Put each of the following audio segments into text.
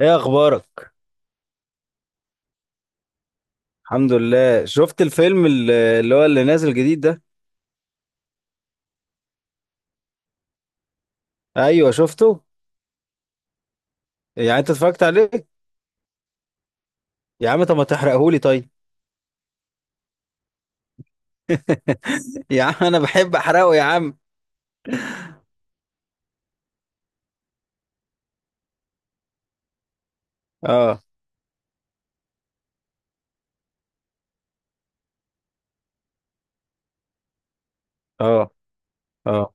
ايه اخبارك؟ الحمد لله. شفت الفيلم اللي هو اللي نازل جديد ده. ايوه شفته. يعني انت اتفرجت عليه؟ يا عم طب ما تحرقهولي طيب. يا عم انا بحب احرقه يا عم. اه، اه، اه،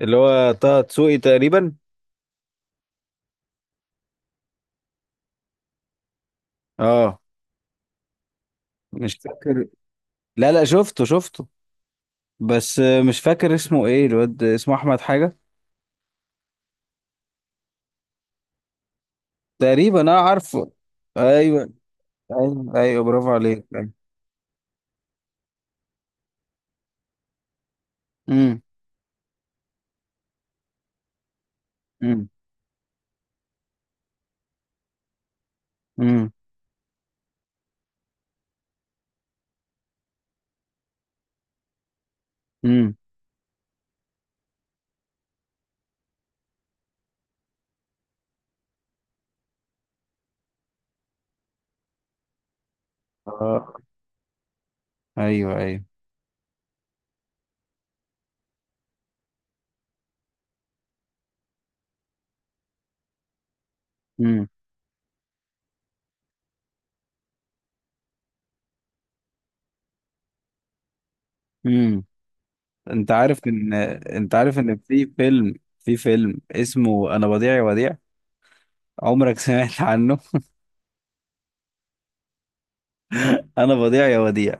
اللي هو طه دسوقي تقريبا. اه مش فاكر. لا لا، شفته شفته. بس مش فاكر اسمه ايه الواد، اسمه احمد حاجه. تقريبا انا عارفه. ايوه، ايوه، ايوه، برافو عليك. امم، امم، امم، امم. اه، ايوه، ايوه. امم. انت عارف ان انت عارف ان في فيلم، في فيلم اسمه انا وديع يا وديع، عمرك سمعت عنه؟ انا وديع يا وديع.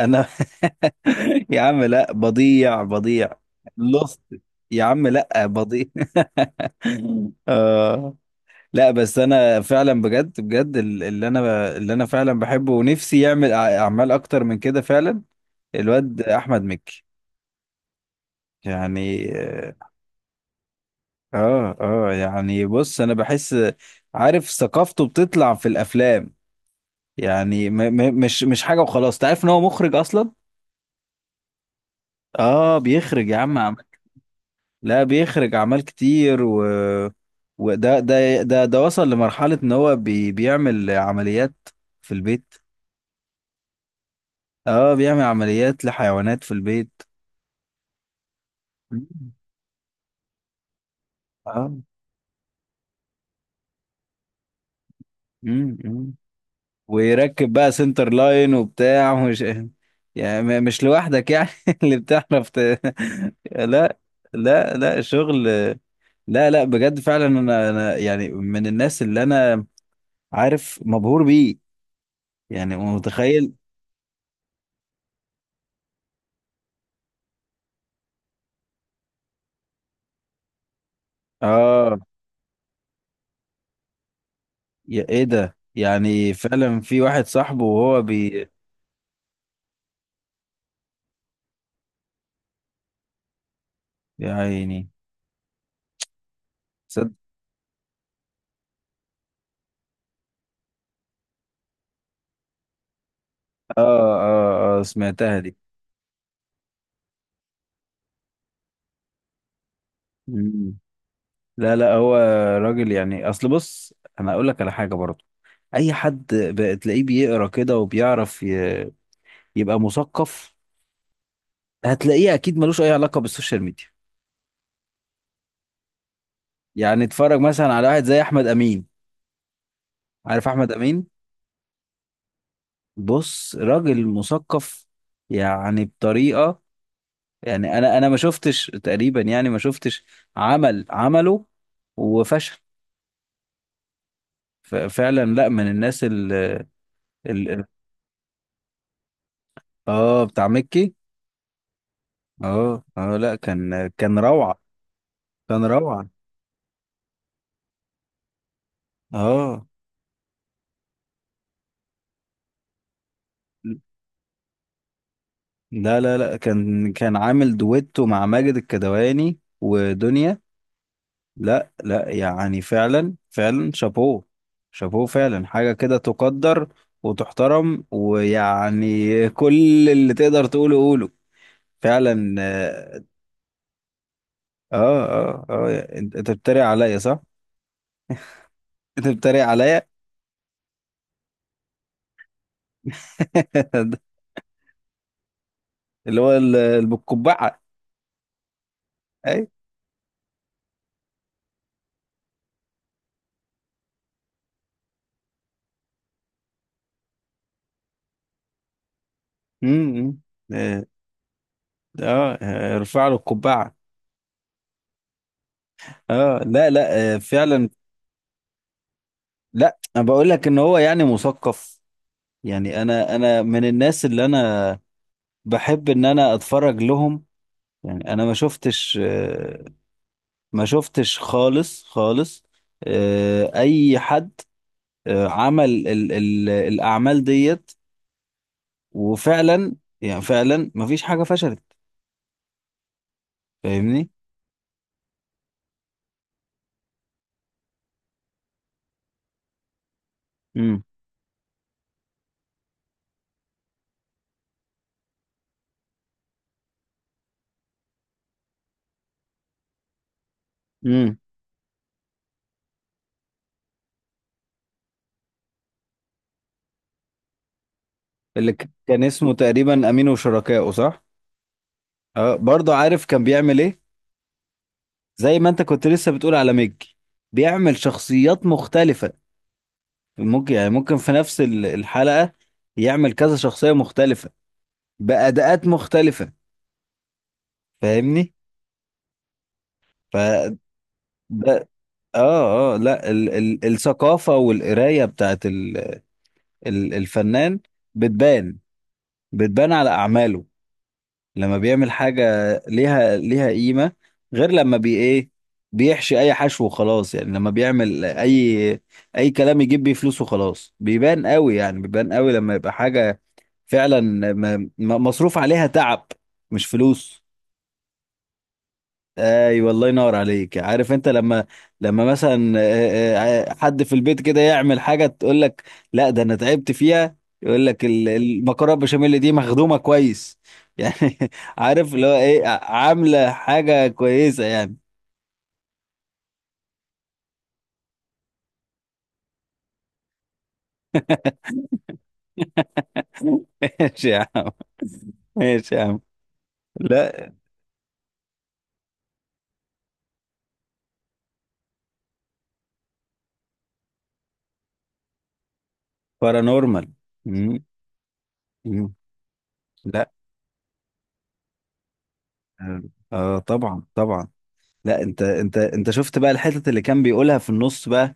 انا يا عم لا، بضيع بضيع. لوست. يا عم لا، بضيع. آه. لا بس انا فعلا، بجد بجد، اللي انا فعلا بحبه ونفسي يعمل اعمال اكتر من كده فعلا. الواد احمد مكي يعني. اه اه، يعني بص انا بحس، عارف ثقافته بتطلع في الافلام. يعني م م مش حاجه وخلاص، تعرف ان هو مخرج اصلا. اه بيخرج يا عم لا بيخرج اعمال كتير، و وده ده ده ده وصل لمرحله ان هو بيعمل عمليات في البيت. اه بيعمل عمليات لحيوانات في البيت. مم. اه. امم. ويركب بقى سنتر لاين وبتاع ومش. يعني مش لوحدك يعني، اللي بتعرف لا. لا لا شغل. لا لا بجد، فعلا انا يعني من الناس اللي انا عارف مبهور بيه. يعني متخيل. اه. يا ايه ده، يعني فعلا في واحد صاحبه وهو بي. يا عيني. صد... اه، اه، اه، سمعتها دي. مم. لا لا، هو راجل يعني. اصل بص، انا اقول لك على حاجه برضه. اي حد بتلاقيه بيقرا كده وبيعرف يبقى مثقف، هتلاقيه اكيد ملوش اي علاقه بالسوشيال ميديا. يعني اتفرج مثلا على واحد زي احمد امين. عارف احمد امين؟ بص راجل مثقف، يعني بطريقه. يعني انا ما شفتش تقريبا، يعني ما شفتش عمل عمله وفشل فعلا. لا من الناس ال- اه بتاع مكي. اه اه لا، كان روعه. كان روعه. اه لا لا لا، كان عامل دويتو مع ماجد الكدواني ودنيا. لا لا، يعني فعلا فعلا شابوه. شابوه فعلا. حاجة كده تقدر وتحترم، ويعني كل اللي تقدر تقوله قوله فعلا. اه، اه، اه، انت بتتريق عليا صح؟ انت بتتريق عليا. اللي هو اللي بالقبعة. اي. امم. اه، ارفع له القبعة. اه لا لا، فعلا. لا انا بقول لك ان هو يعني مثقف. يعني انا من الناس اللي انا بحب ان انا اتفرج لهم. يعني انا ما شفتش، ما شفتش خالص خالص. اي حد عمل ال ال الاعمال ديت، وفعلا، يعني فعلا ما فيش حاجة فشلت. فاهمني؟ امم امم. اللي كان اسمه تقريبا امين وشركائه صح؟ اه برضه عارف كان بيعمل ايه. زي ما انت كنت لسه بتقول على ميج، بيعمل شخصيات مختلفة. ممكن يعني ممكن في نفس الحلقة يعمل كذا شخصية مختلفة بأداءات مختلفة. فاهمني؟ فده. اه اه لا، ال ال الثقافة والقراية بتاعت ال ال الفنان بتبان، بتبان على أعماله. لما بيعمل حاجة ليها قيمة، غير لما بي ايه، بيحشي أي حشو وخلاص. يعني لما بيعمل أي كلام يجيب بيه فلوس وخلاص، بيبان قوي. يعني بيبان قوي لما يبقى حاجة، فعلا مصروف عليها تعب، مش فلوس. ايوه، الله ينور عليك. عارف انت لما مثلا حد في البيت كده يعمل حاجه، تقول لك لا ده انا تعبت فيها، يقول لك المكرونه بشاميل دي مخدومه كويس، يعني عارف اللي هو ايه، عامله حاجه كويسه يعني. ماشي يا عم، ماشي يا عم. لا. بارانورمال. مم. مم. لا. اه، طبعا طبعا. لا انت شفت بقى الحتت اللي كان بيقولها في النص بقى،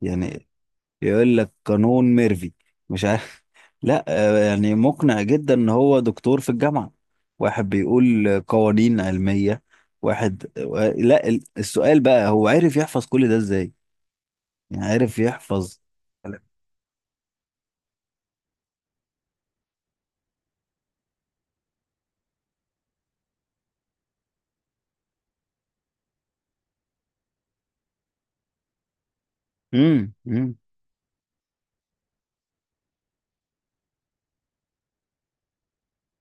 يعني يقول لك قانون ميرفي مش عارف. لا يعني مقنع جدا ان هو دكتور في الجامعة، واحد بيقول قوانين علمية. واحد لا السؤال بقى هو عرف يحفظ كل ده ازاي، يعني عرف يحفظ. امم، امم.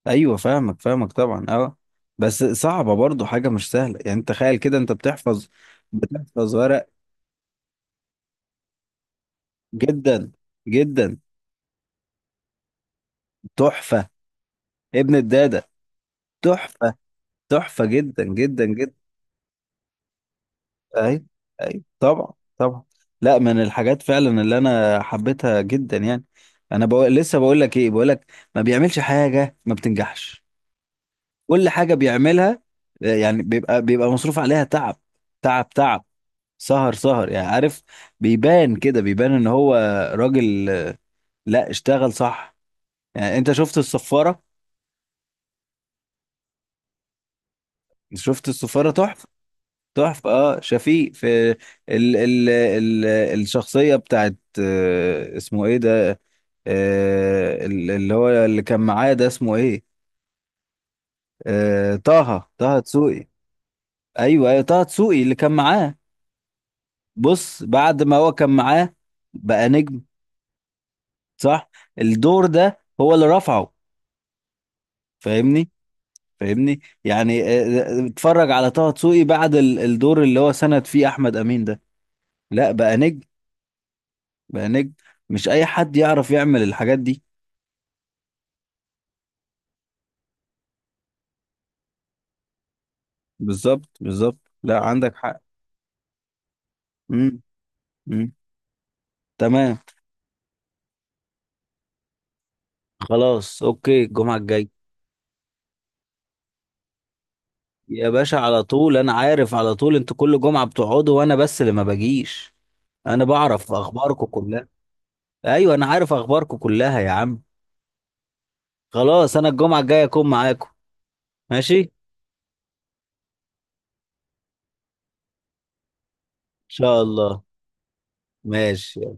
ايوه فاهمك فاهمك طبعا، اه. بس صعبة برضو، حاجة مش سهلة يعني. انت تخيل كده انت بتحفظ ورق. جدا جدا. تحفة. ابن الدادة. تحفة. تحفة جدا جدا جدا. اي، اي، طبعا. طبعا. لا من الحاجات فعلا اللي انا حبيتها جدا يعني. انا بقول لسه، بقول لك ايه، بقول لك ما بيعملش حاجة ما بتنجحش. كل حاجة بيعملها، يعني بيبقى مصروف عليها تعب. تعب تعب، سهر سهر. يعني عارف بيبان كده، بيبان ان هو راجل، لا اشتغل صح. يعني انت شفت الصفارة؟ شفت الصفارة تحفة. تحفة. اه شفيق في ال ال ال الشخصية بتاعت اسمه ايه ده، اللي هو اللي كان معاه ده اسمه ايه، طه دسوقي. ايوه ايوه، طه دسوقي اللي كان معاه. بص بعد ما هو كان معاه بقى نجم، صح. الدور ده هو اللي رفعه. فاهمني. فاهمني يعني. اتفرج على طه دسوقي بعد الدور اللي هو سند فيه احمد امين ده، لا بقى نجم. بقى نجم. مش اي حد يعرف يعمل الحاجات دي. بالظبط، بالظبط. لا عندك حق. امم، امم. تمام. خلاص اوكي، الجمعة الجاية. يا باشا على طول انا عارف، على طول انتوا كل جمعة بتقعدوا وانا بس اللي ما بجيش. انا بعرف اخباركم كلها. ايوه انا عارف اخباركم كلها يا عم. خلاص انا الجمعة الجاية اكون معاكم. ماشي ان شاء الله. ماشي.